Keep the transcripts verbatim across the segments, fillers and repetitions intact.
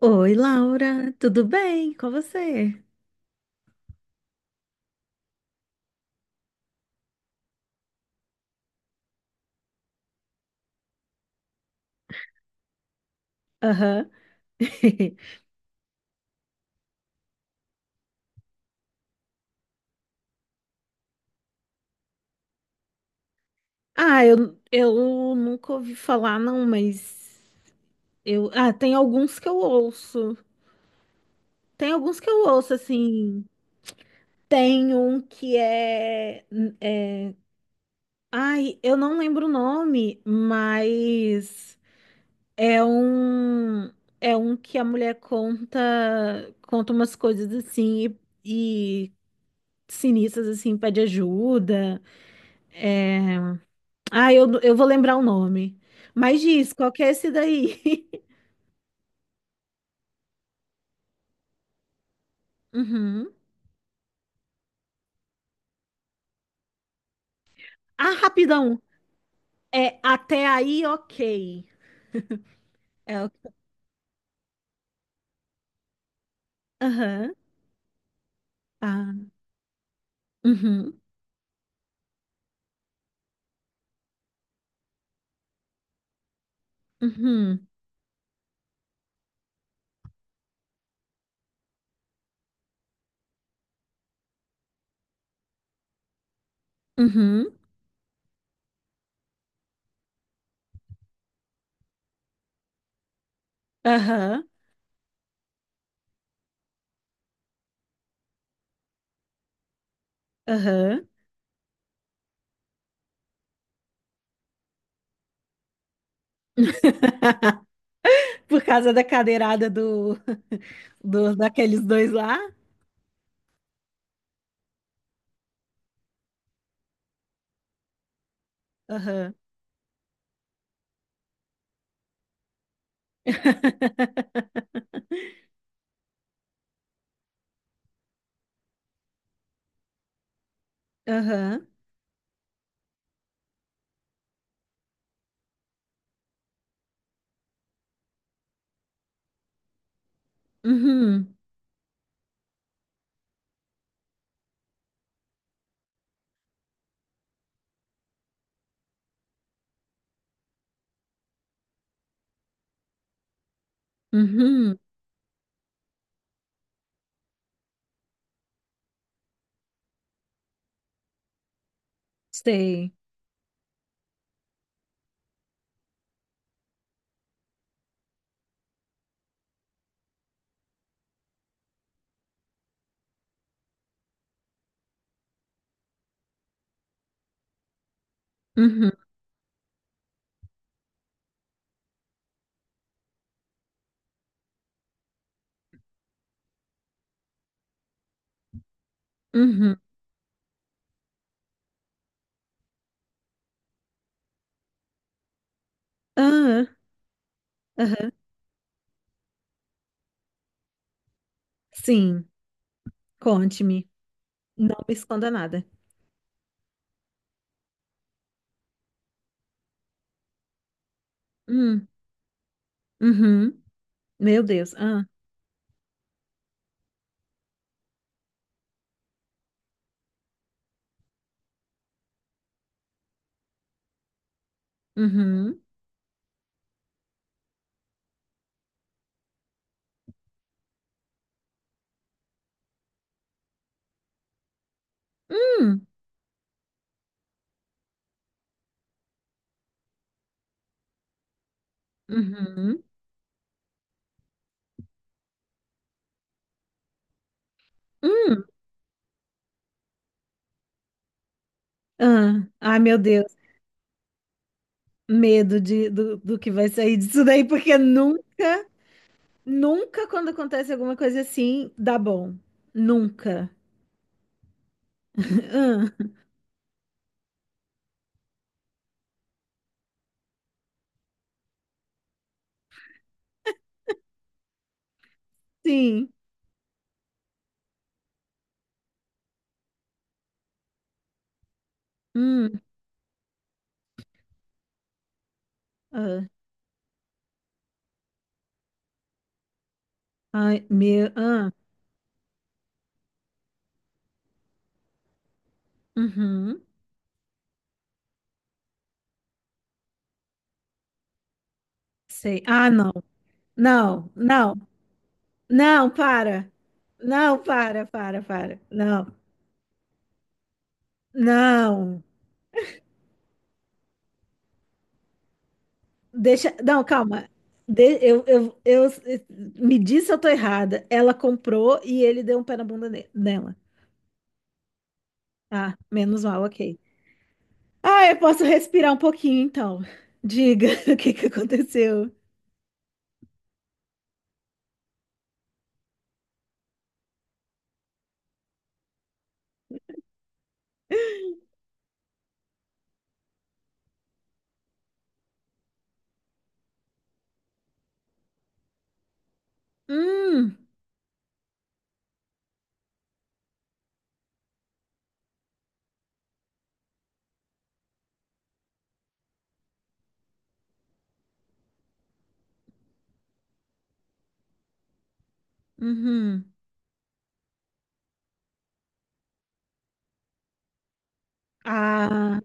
Oi, Laura, tudo bem com você? Aham. Ah, eu, eu nunca ouvi falar, não, mas eu. Ah, tem alguns que eu ouço. Tem alguns que eu ouço, assim. Tem um que é, é... Ai, eu não lembro o nome, mas é um. É um que a mulher conta, conta umas coisas assim e, e sinistras assim, pede ajuda. É. Ah, eu, eu vou lembrar o nome. Mas diz, qual que é esse daí? Uhum. Ah, rapidão. É até aí, ok. É, o- aham. Ah, uhum, uhum, uhum, aham, aham. Por causa da cadeirada do, do daqueles dois lá? Aham. Aham. Uhum. Uhum. Sei. Uhum. Uhum. Aham. Aham. Sim. Conte-me. Não me esconda nada. Hum, uhum. Meu Deus. Ah, uhum. Hum, uhum. Hum. Ah, ai, meu Deus. Medo de, do, do que vai sair disso daí, porque nunca, nunca quando acontece alguma coisa assim, dá bom. Nunca. Ah, sim. Hum, ah, ai, meu. Ah, uhum. Sei. Ah, não. Não, não, não, para. Não, para, para, para. Não, não. Deixa. Não, calma. De- eu, eu, eu, me diz se eu tô errada. Ela comprou e ele deu um pé na bunda ne- nela. Ah, menos mal, ok. Ah, eu posso respirar um pouquinho então. Diga o que que aconteceu. Hum, uhum. Ah,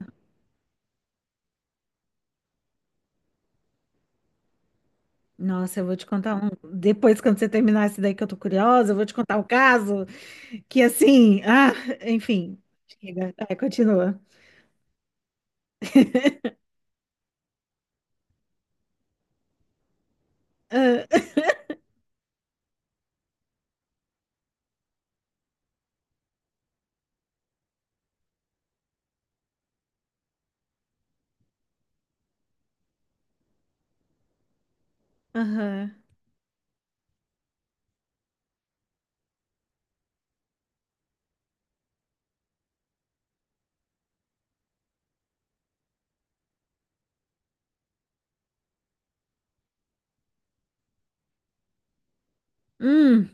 nossa, eu vou te contar um. Depois, quando você terminar esse daí que eu tô curiosa, eu vou te contar um caso que assim, ah, enfim. Chega. Vai, continua. Ah, Aham. Hum,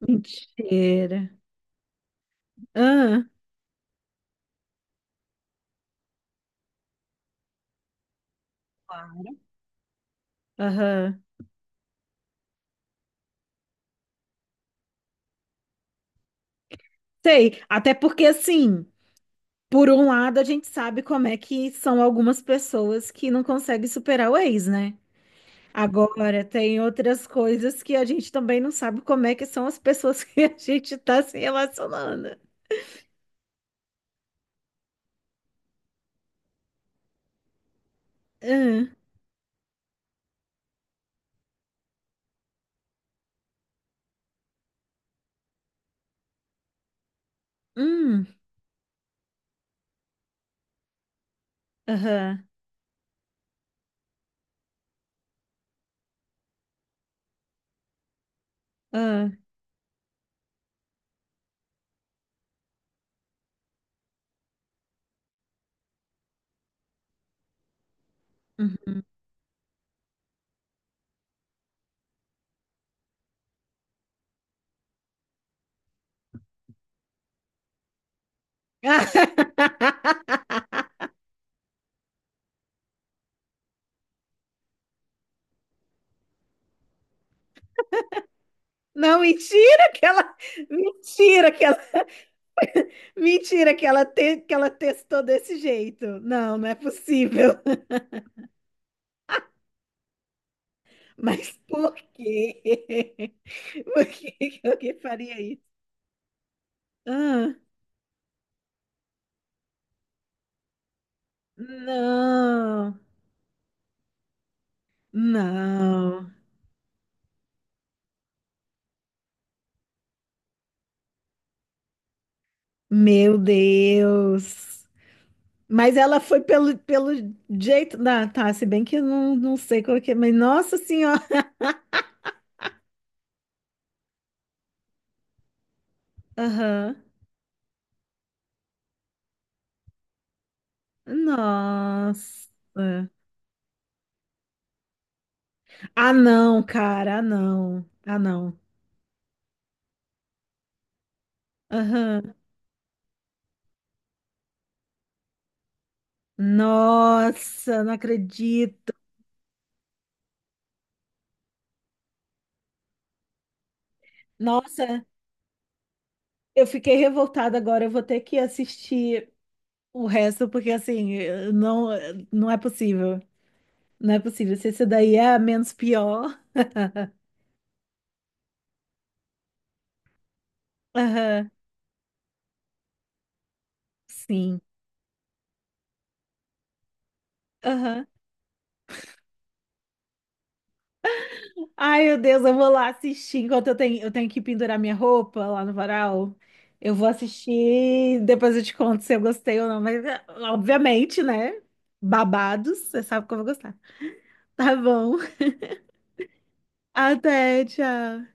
mentira. Ah. Aham. Sei. Até porque, assim, por um lado, a gente sabe como é que são algumas pessoas que não conseguem superar o ex, né? Agora, tem outras coisas que a gente também não sabe como é que são as pessoas que a gente tá se relacionando. Hum, hum, aham, ah, uhum. Ah, não, mentira que ela, mentira que ela, mentira que ela, te, que ela testou desse jeito. Não, não é possível. Mas por quê? Por que que alguém faria isso? Ah, não, não. Meu Deus. Mas ela foi pelo, pelo jeito. Ah, tá, se bem que eu não, não sei qual que é, mas nossa senhora. Aham. Nossa. Ah, não, cara. Ah, não. Ah, não. Aham. Nossa, não acredito. Nossa, eu fiquei revoltada agora. Eu vou ter que assistir. O resto, porque assim, não, não é possível. Não é possível. Se esse daí é a menos pior. Aham, sim. Aham. Ai, meu Deus, eu vou lá assistir. Enquanto eu tenho, eu tenho que pendurar minha roupa lá no varal, eu vou assistir. Depois eu te conto se eu gostei ou não. Mas, é, obviamente, né? Babados, você sabe que eu vou gostar. Tá bom. Até, tchau.